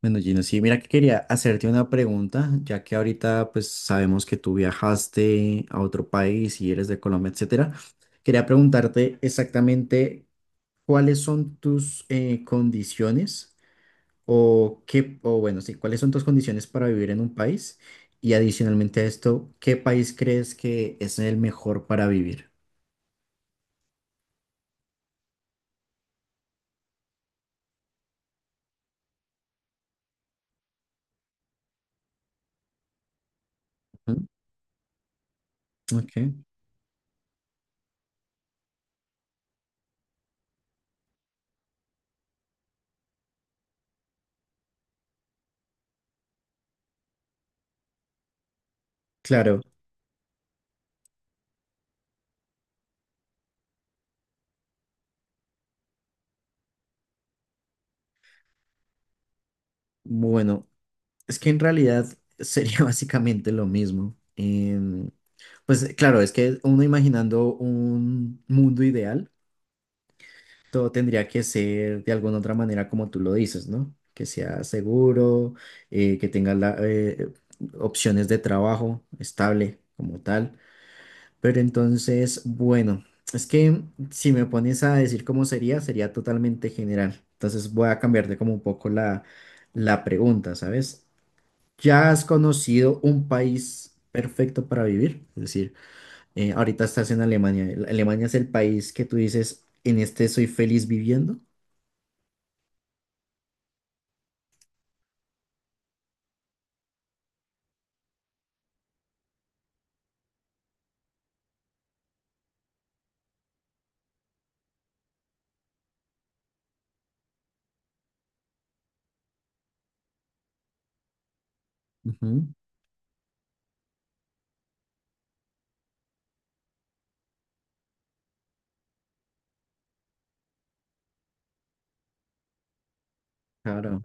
Bueno, Gino, sí, mira que quería hacerte una pregunta, ya que ahorita pues sabemos que tú viajaste a otro país y eres de Colombia, etcétera. Quería preguntarte exactamente cuáles son tus condiciones o qué, o bueno, sí, cuáles son tus condiciones para vivir en un país y adicionalmente a esto, ¿qué país crees que es el mejor para vivir? Ujú. Ok. Claro. Bueno, es que en realidad sería básicamente lo mismo. Pues claro, es que uno imaginando un mundo ideal, todo tendría que ser de alguna otra manera como tú lo dices, ¿no? Que sea seguro, que tenga opciones de trabajo estable como tal. Pero entonces, bueno, es que si me pones a decir cómo sería, sería totalmente general. Entonces voy a cambiarte como un poco la pregunta, ¿sabes? ¿Ya has conocido un país perfecto para vivir? Es decir, ahorita estás en Alemania. Alemania es el país que tú dices, en este soy feliz viviendo. Ujú. Claro,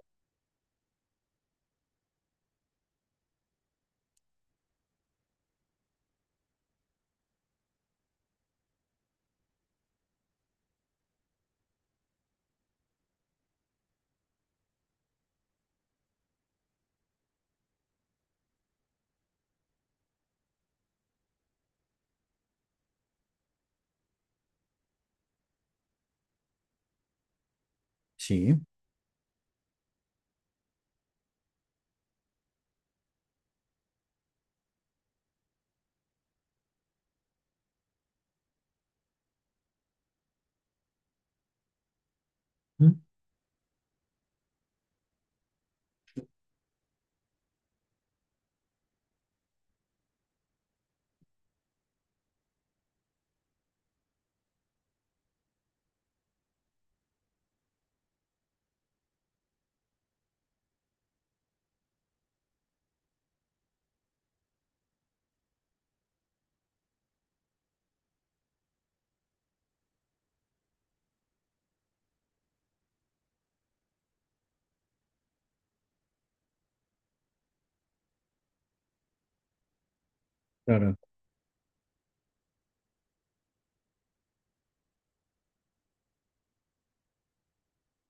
sí. Ujú. Claro.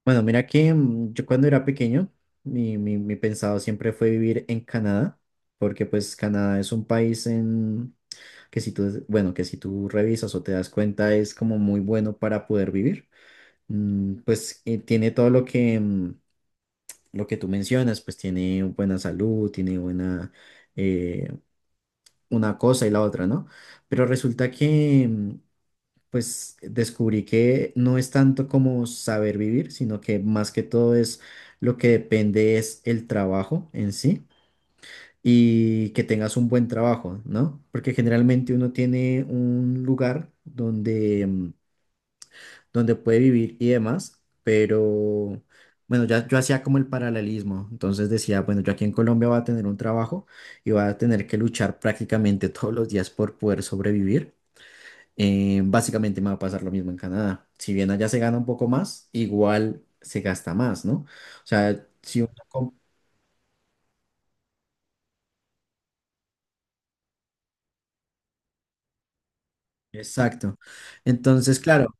Bueno, mira que yo cuando era pequeño, mi pensado siempre fue vivir en Canadá, porque pues Canadá es un país en que si tú, bueno, que si tú revisas o te das cuenta es como muy bueno para poder vivir. Pues tiene todo lo que lo que tú mencionas, pues tiene buena salud, tiene buena eh, una cosa y la otra, ¿no? Pero resulta que, pues descubrí que no es tanto como saber vivir, sino que más que todo es lo que depende es el trabajo en sí. Y que tengas un buen trabajo, ¿no? Porque generalmente uno tiene un lugar donde donde puede vivir y demás, pero bueno, ya yo hacía como el paralelismo, entonces decía, bueno, yo aquí en Colombia voy a tener un trabajo y voy a tener que luchar prácticamente todos los días por poder sobrevivir. Básicamente me va a pasar lo mismo en Canadá. Si bien allá se gana un poco más, igual se gasta más, ¿no? O sea, si uno... Exacto. Entonces, claro,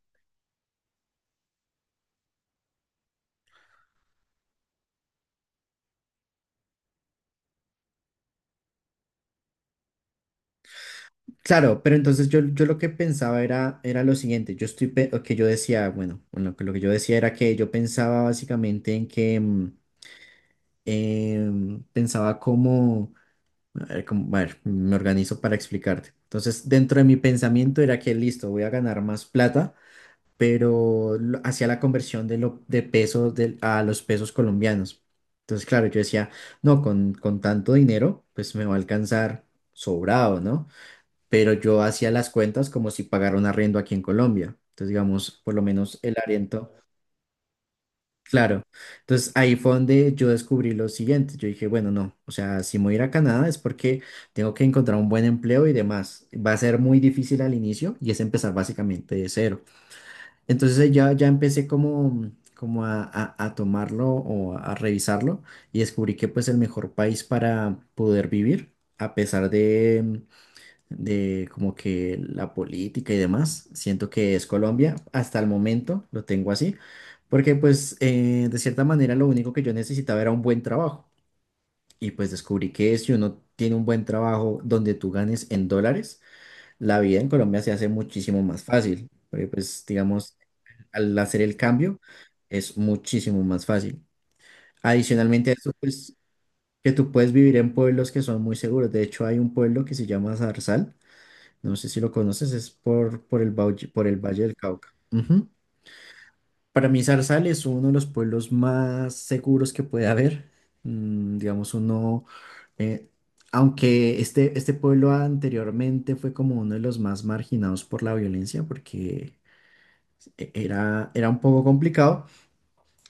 claro, pero entonces yo lo que pensaba era lo siguiente, yo estoy, pe- o que yo decía, bueno, bueno, que lo que yo decía era que yo pensaba básicamente en que pensaba como, a ver, a ver, me organizo para explicarte. Entonces, dentro de mi pensamiento era que listo, voy a ganar más plata, pero hacía la conversión de pesos a los pesos colombianos. Entonces, claro, yo decía, no, con tanto dinero, pues me va a alcanzar sobrado, ¿no? Pero yo hacía las cuentas como si pagara un arriendo aquí en Colombia. Entonces, digamos, por lo menos el arriendo, claro. Entonces, ahí fue donde yo descubrí lo siguiente. Yo dije, bueno, no, o sea, si me voy a ir a Canadá es porque tengo que encontrar un buen empleo y demás. Va a ser muy difícil al inicio y es empezar básicamente de cero. Entonces, ya empecé como... como a tomarlo o a revisarlo y descubrí que pues el mejor país para poder vivir, a pesar de como que la política y demás. Siento que es Colombia, hasta el momento lo tengo así, porque pues de cierta manera lo único que yo necesitaba era un buen trabajo y pues descubrí que si uno tiene un buen trabajo donde tú ganes en dólares, la vida en Colombia se hace muchísimo más fácil, porque pues digamos, al hacer el cambio es muchísimo más fácil. Adicionalmente a eso, pues que tú puedes vivir en pueblos que son muy seguros. De hecho, hay un pueblo que se llama Zarzal, no sé si lo conoces, es por, Bauchi- por el Valle del Cauca. Ujú. Para mí, Zarzal es uno de los pueblos más seguros que puede haber. Digamos, uno, eh, aunque este pueblo anteriormente fue como uno de los más marginados por la violencia, porque era un poco complicado,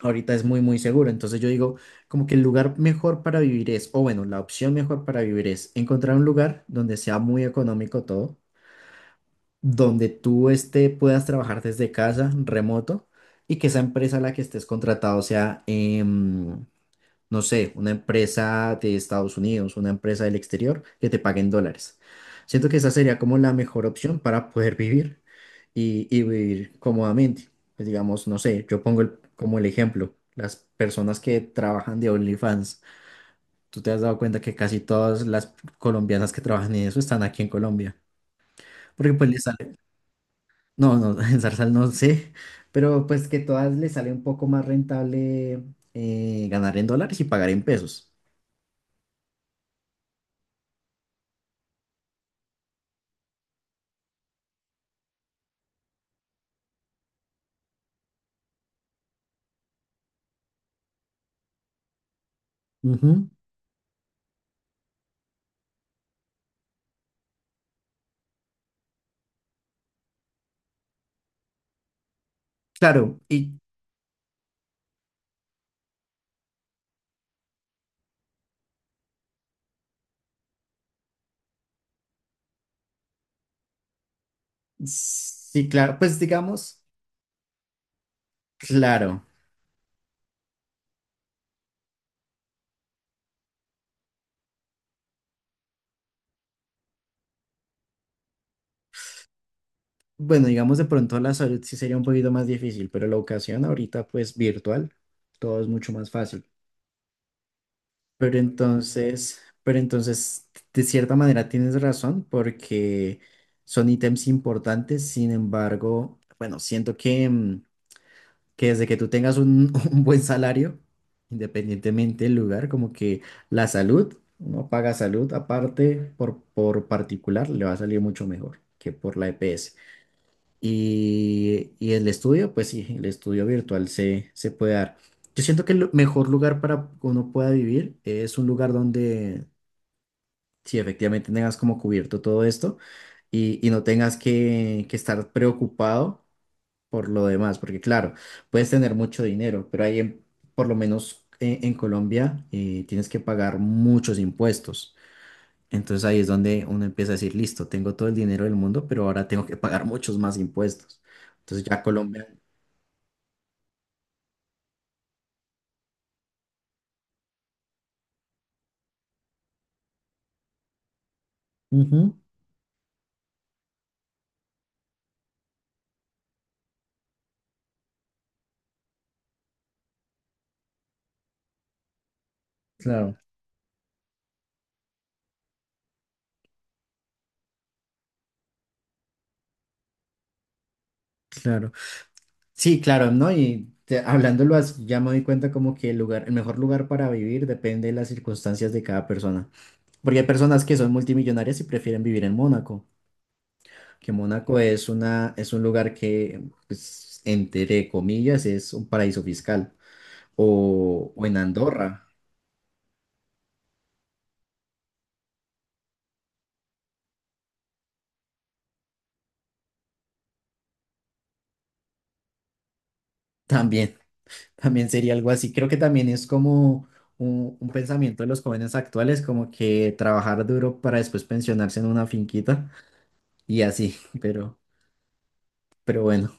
ahorita es muy, muy seguro. Entonces yo digo, como que el lugar mejor para vivir es, o bueno, la opción mejor para vivir es encontrar un lugar donde sea muy económico todo donde tú este, puedas trabajar desde casa, remoto, y que esa empresa a la que estés contratado sea, no sé, una empresa de Estados Unidos, una empresa del exterior, que te paguen dólares. Siento que esa sería como la mejor opción para poder vivir y vivir cómodamente. Pues digamos, no sé, yo pongo como el ejemplo, las personas que trabajan de OnlyFans. Tú te has dado cuenta que casi todas las colombianas que trabajan en eso están aquí en Colombia, porque pues les no, no, en Zarzal no sé, pero pues que todas les sale un poco más rentable ganar en dólares y pagar en pesos. Ujú. Claro, y sí, claro, pues digamos, claro. Bueno, digamos de pronto la salud sí sería un poquito más difícil, pero la educación ahorita pues virtual, todo es mucho más fácil. Pero entonces, de cierta manera tienes razón porque son ítems importantes, sin embargo, bueno, siento que, que desde que tú tengas un, un buen salario, independientemente del lugar, como que la salud, uno paga salud aparte por particular, le va a salir mucho mejor que por la EPS. Y el estudio, pues sí, el estudio se puede dar. Yo siento que el mejor lugar para que uno pueda vivir es un lugar donde si efectivamente tengas como cubierto todo esto y no tengas que estar preocupado por lo demás, porque claro, puedes tener mucho dinero, pero ahí, por lo menos en Colombia, tienes que pagar muchos impuestos. Entonces ahí es donde uno empieza a decir, listo, tengo todo el dinero del mundo, pero ahora tengo que pagar muchos más impuestos. Entonces ya Colombia... Ujú, claro, claro. Sí, claro, ¿no? Y hablándolo así, ya me doy cuenta como que el lugar, el mejor lugar para vivir depende de las circunstancias de cada persona. Porque hay personas que son multimillonarias y prefieren vivir en Mónaco, que Mónaco es una, es un lugar que, pues, entre comillas, es un paraíso fiscal. O en Andorra, también, también sería algo así. Creo que también es como un pensamiento de los jóvenes actuales, como que trabajar duro para después pensionarse en una finquita y así, pero, pero bueno.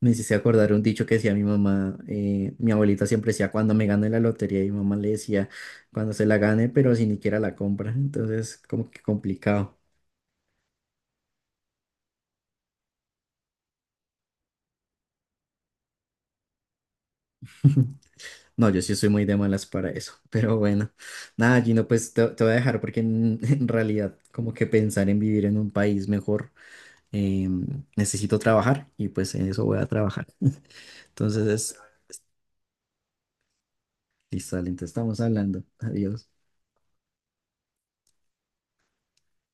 Me hiciste acordar un dicho que decía mi mamá, mi abuelita siempre decía cuando me gane la lotería y mi mamá le decía cuando se la gane, pero si ni siquiera la compra, entonces como que complicado. No, yo sí soy muy de malas para eso, pero bueno, nada, Gino, pues te voy a dejar porque en, en realidad como que pensar en vivir en un país mejor, eh, necesito trabajar y pues en eso voy a trabajar. Entonces, listo, dale, entonces estamos hablando, adiós.